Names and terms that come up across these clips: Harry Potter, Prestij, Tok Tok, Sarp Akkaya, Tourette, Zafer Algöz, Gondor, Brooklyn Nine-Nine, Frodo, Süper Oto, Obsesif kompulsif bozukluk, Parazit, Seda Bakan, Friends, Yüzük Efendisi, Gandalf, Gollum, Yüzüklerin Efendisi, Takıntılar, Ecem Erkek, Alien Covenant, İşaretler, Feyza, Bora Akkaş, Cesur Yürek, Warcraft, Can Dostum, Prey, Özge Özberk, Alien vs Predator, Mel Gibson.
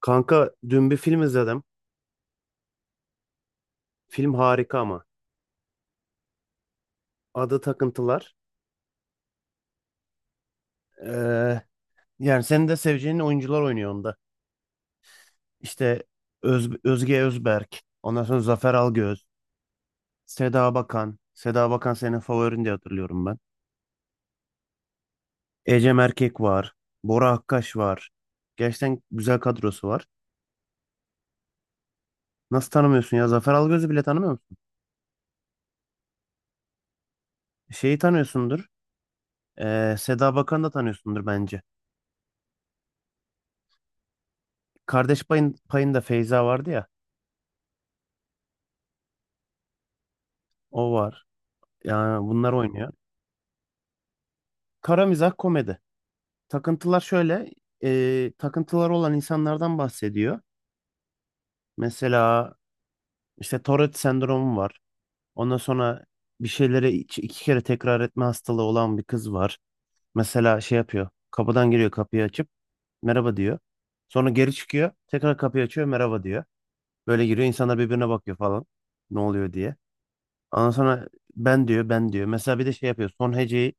Kanka dün bir film izledim. Film harika ama. Adı Takıntılar. Ee, yani senin de seveceğin oyuncular oynuyor onda. İşte Özge Özberk. Ondan sonra Zafer Algöz. Seda Bakan. Seda Bakan senin favorin diye hatırlıyorum ben. Ecem Erkek var. Bora Akkaş var. Gerçekten güzel kadrosu var. Nasıl tanımıyorsun ya? Zafer Algöz'ü bile tanımıyor musun? Şeyi tanıyorsundur. Seda Bakan'ı da tanıyorsundur bence. Kardeş payında Feyza vardı ya. O var. Yani bunlar oynuyor. Kara mizah komedi. Takıntılar şöyle, takıntılar olan insanlardan bahsediyor. Mesela işte Tourette sendromu var. Ondan sonra bir şeyleri iki kere tekrar etme hastalığı olan bir kız var. Mesela şey yapıyor, kapıdan giriyor kapıyı açıp merhaba diyor. Sonra geri çıkıyor, tekrar kapıyı açıyor merhaba diyor. Böyle giriyor, insanlar birbirine bakıyor falan. Ne oluyor diye. Ondan sonra ben diyor, ben diyor. Mesela bir de şey yapıyor, son heceyi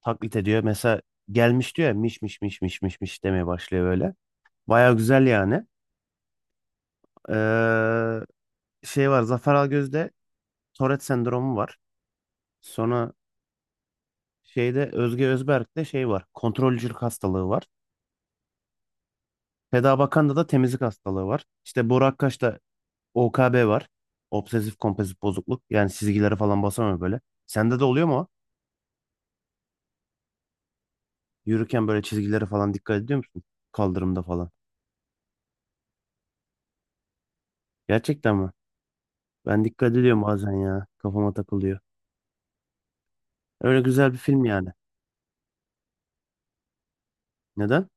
taklit ediyor. Mesela gelmiş diyor ya, miş miş miş miş miş miş demeye başlıyor böyle. Baya güzel yani. Ee, şey var Zafer Algöz'de, Tourette sendromu var. Sonra şeyde, Özge Özberk'te şey var. Kontrolcülük hastalığı var. Feda Bakan'da da temizlik hastalığı var. İşte Boru Akkaş'ta OKB var. Obsesif kompulsif bozukluk. Yani çizgileri falan basamıyor böyle. Sende de oluyor mu o? Yürürken böyle çizgilere falan dikkat ediyor musun? Kaldırımda falan. Gerçekten mi? Ben dikkat ediyorum bazen ya. Kafama takılıyor. Öyle güzel bir film yani. Neden?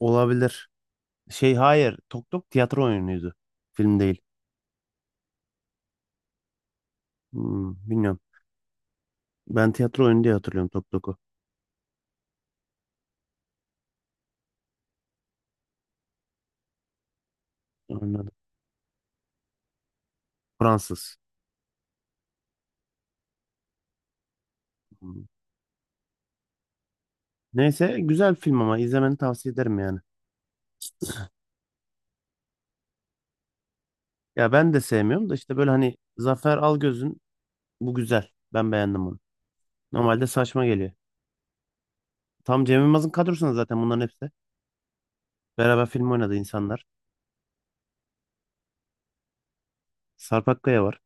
Olabilir. Şey, hayır. Tok Tok tiyatro oyunuydu. Film değil. Bilmiyorum. Ben tiyatro oyunu diye hatırlıyorum Tok Tok'u. Anladım. Fransız. Hmm. Neyse, güzel film, ama izlemeni tavsiye ederim yani. Ya ben de sevmiyorum da işte, böyle hani Zafer Algöz'ün bu güzel. Ben beğendim bunu. Normalde saçma geliyor. Tam Cem Yılmaz'ın kadrosunda zaten bunların hepsi. Beraber film oynadı insanlar. Sarp Akkaya var.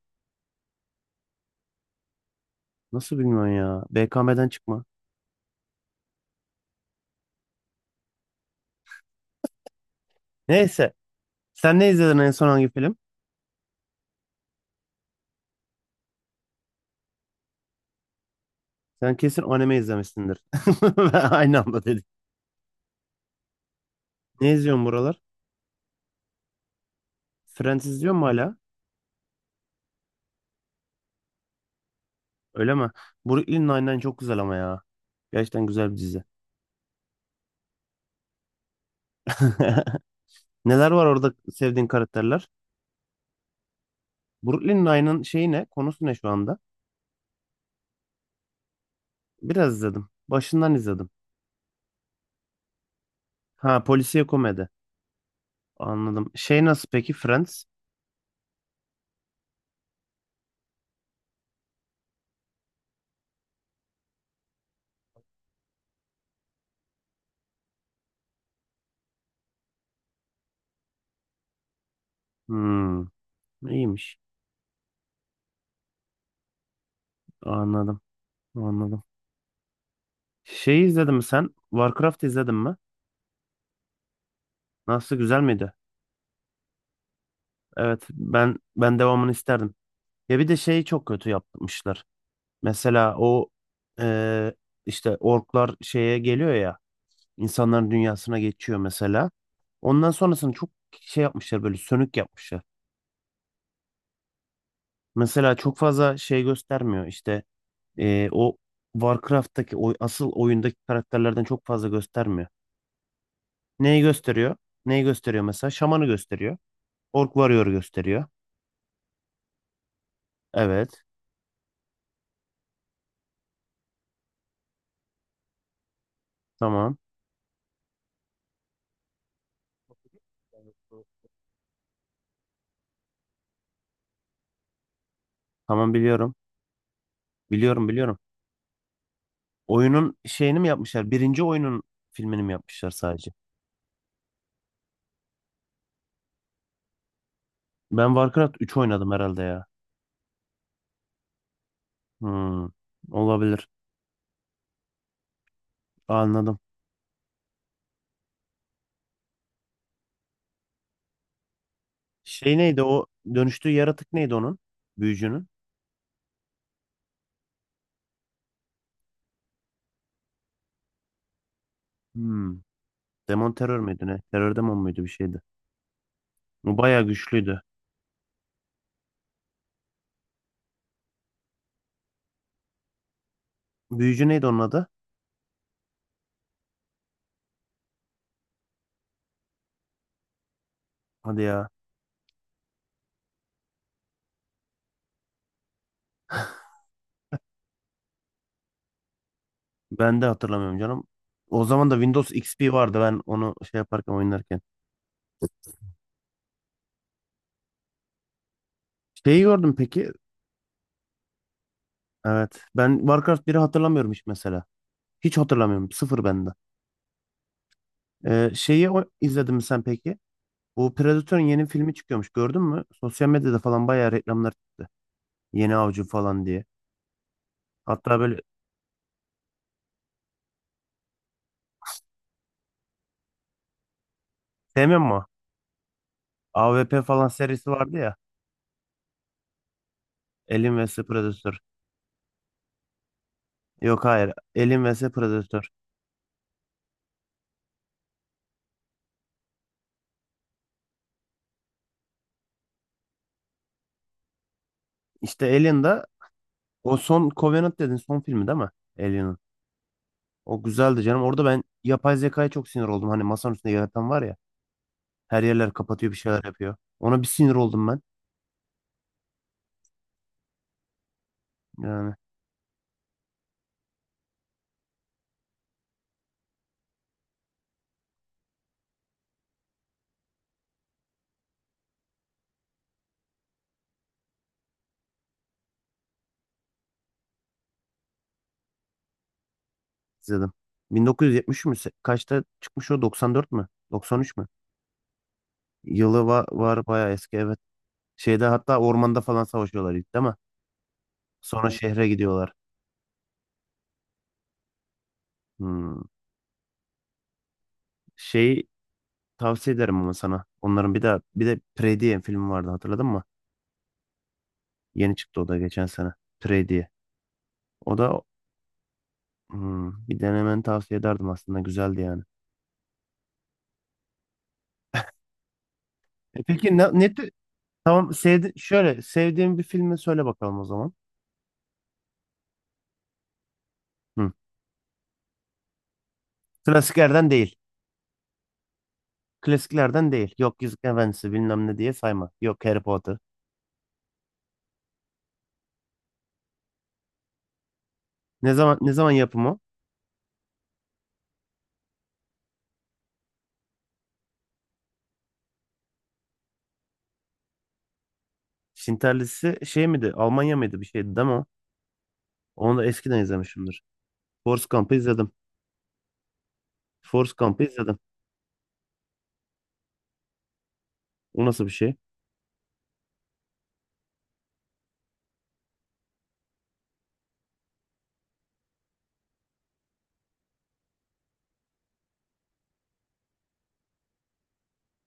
Nasıl bilmiyorum ya. BKM'den çıkma. Neyse. Sen ne izledin, en son hangi film? Sen kesin anime izlemişsindir. Aynı anda dedik. Ne izliyorsun buralar? Friends izliyor mu hala? Öyle mi? Brooklyn Nine-Nine çok güzel ama ya. Gerçekten güzel bir dizi. Neler var, orada sevdiğin karakterler? Brooklyn Nine'ın şeyi ne? Konusu ne şu anda? Biraz izledim. Başından izledim. Ha, polisiye komedi. Anladım. Şey, nasıl peki Friends? Hmm, iyiymiş. Anladım. Anladim. Şey, izledin mi sen? Warcraft izledin mi? Nasıl, güzel miydi? Evet, ben devamını isterdim. Ya bir de şeyi çok kötü yapmışlar. Mesela o, eee, işte orklar şeye geliyor ya, insanların dünyasına geçiyor mesela. Ondan sonrasını çok şey yapmışlar, böyle sönük yapmışlar. Mesela çok fazla şey göstermiyor işte, o Warcraft'taki o asıl oyundaki karakterlerden çok fazla göstermiyor. Neyi gösteriyor? Neyi gösteriyor mesela? Şamanı gösteriyor. Ork Warrior'ı gösteriyor. Evet. Tamam. Tamam, biliyorum. Biliyorum, biliyorum. Oyunun şeyini mi yapmışlar? Birinci oyunun filmini mi yapmışlar sadece? Ben Warcraft 3 oynadım herhalde ya. Hmm, olabilir. Anladım. Şey, neydi o dönüştüğü yaratık neydi onun? Büyücünün. Hmm. Demon terör müydü ne? Terör demon muydu, bir şeydi. Bu bayağı güçlüydü. Büyücü neydi onun adı? Hadi ya. Ben de hatırlamıyorum canım. O zaman da Windows XP vardı, ben onu şey yaparken, oynarken. Şeyi gördüm peki. Evet. Ben Warcraft biri hatırlamıyorum hiç mesela. Hiç hatırlamıyorum. Sıfır bende. Şeyi izledin mi sen peki? Bu Predator'un yeni filmi çıkıyormuş, gördün mü? Sosyal medyada falan bayağı reklamlar çıktı. Yeni Avcı falan diye. Hatta böyle sevmiyor mu? A V P falan serisi vardı ya. Alien vs Predator. Yok, hayır. Alien vs Predator. İşte Alien'da o son Covenant dedin, son filmi değil mi Alien'ın? O güzeldi canım. Orada ben yapay zekaya çok sinir oldum. Hani masanın üstünde yaratan var ya. Her yerler kapatıyor, bir şeyler yapıyor. Ona bir sinir oldum ben. Yani izledim. 1970 mü? Kaçta çıkmış o? 94 mü? 93 mü? Yılı var, bayağı eski evet. Şeyde, hatta ormanda falan savaşıyorlar ilk, değil mi? Sonra şehre gidiyorlar. Hmm. Şey, tavsiye ederim ama sana. Onların bir de Prey diye film vardı, hatırladın mı? Yeni çıktı o da geçen sene. Prey diye. O da, bir denemeni tavsiye ederdim aslında, güzeldi yani. Peki tamam, sevdi, şöyle sevdiğin bir filmi söyle bakalım o zaman. Hı. Klasiklerden değil. Klasiklerden değil. Yok Yüzük Efendisi bilmem ne diye sayma. Yok Harry Potter. Ne zaman yapımı? Şinterlisi şey miydi? Almanya mıydı, bir şeydi değil mi o? Onu da eskiden izlemişimdir. Force Gump'ı izledim. Force Gump'ı izledim. O nasıl bir şey?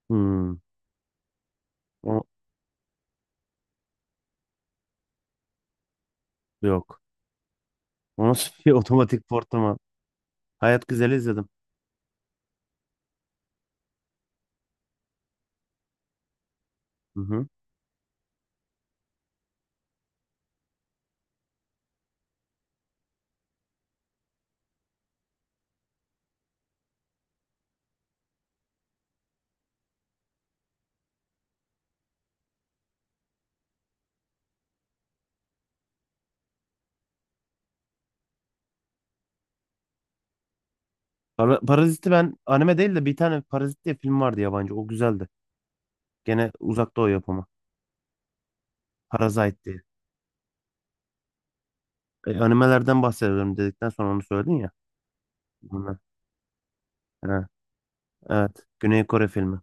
Hmm. O yok. O nasıl bir otomatik portlama? Hayat Güzel'i izledim. Hı hı. Parazit'i ben anime değil de, bir tane Parazit diye film vardı yabancı. O güzeldi. Gene Uzak Doğu yapımı. Parazite diye. Animelerden bahsediyorum dedikten sonra onu söyledin ya. Bunlar. Ha, evet. Güney Kore filmi.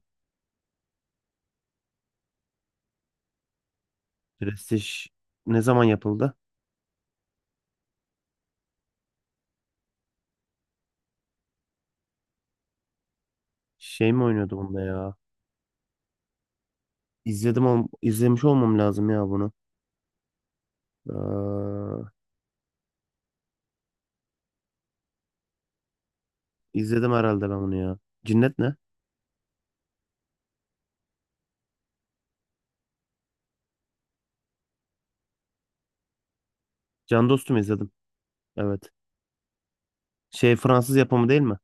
Prestij ne zaman yapıldı? Şey mi oynuyordu bunda ya? İzledim, izlemiş olmam lazım ya bunu. Ee, izledim herhalde ben bunu ya. Cinnet ne? Can Dostum izledim. Evet. Şey, Fransız yapımı değil mi?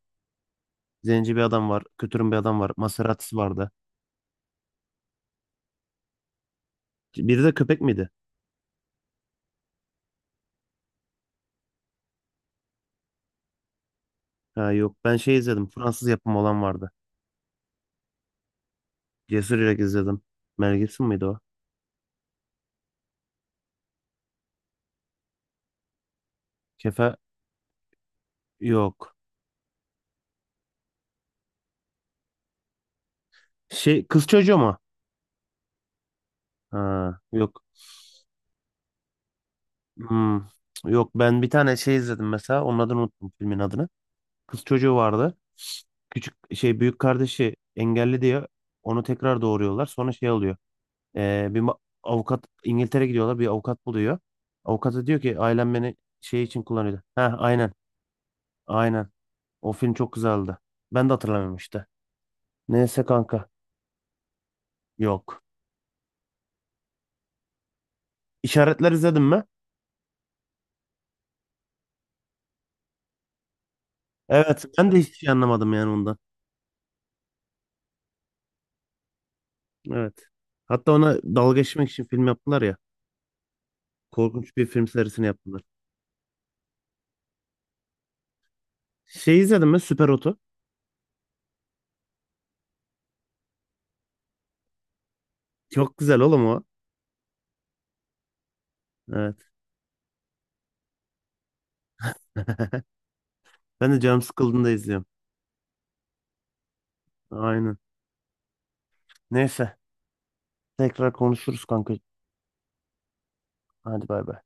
Zenci bir adam var. Kötürüm bir adam var. Maserati'si vardı. Biri de köpek miydi? Ha, yok. Ben şey izledim. Fransız yapımı olan vardı. Cesur Yürek izledim. Mel Gibson mıydı o? Kefe, yok. Şey, kız çocuğu mu? Ha, yok. Hmm, Yok, ben bir tane şey izledim mesela. Onun adını unuttum, filmin adını. Kız çocuğu vardı. Küçük şey, büyük kardeşi engelli diye onu tekrar doğuruyorlar. Sonra şey oluyor. Bir avukat, İngiltere gidiyorlar. Bir avukat buluyor. Avukata diyor ki ailem beni şey için kullanıyordu. Ha, aynen. Aynen. O film çok güzeldi. Ben de hatırlamıyorum işte. Neyse kanka. Yok. İşaretler izledin mi? Evet. Ben de hiçbir şey anlamadım yani ondan. Evet. Hatta ona dalga geçmek için film yaptılar ya. Korkunç bir film serisini yaptılar. Şey, izledin mi? Süper Oto. Çok güzel oğlum o. Evet. Ben de canım sıkıldığında izliyorum. Aynen. Neyse. Tekrar konuşuruz kanka. Hadi bay bay.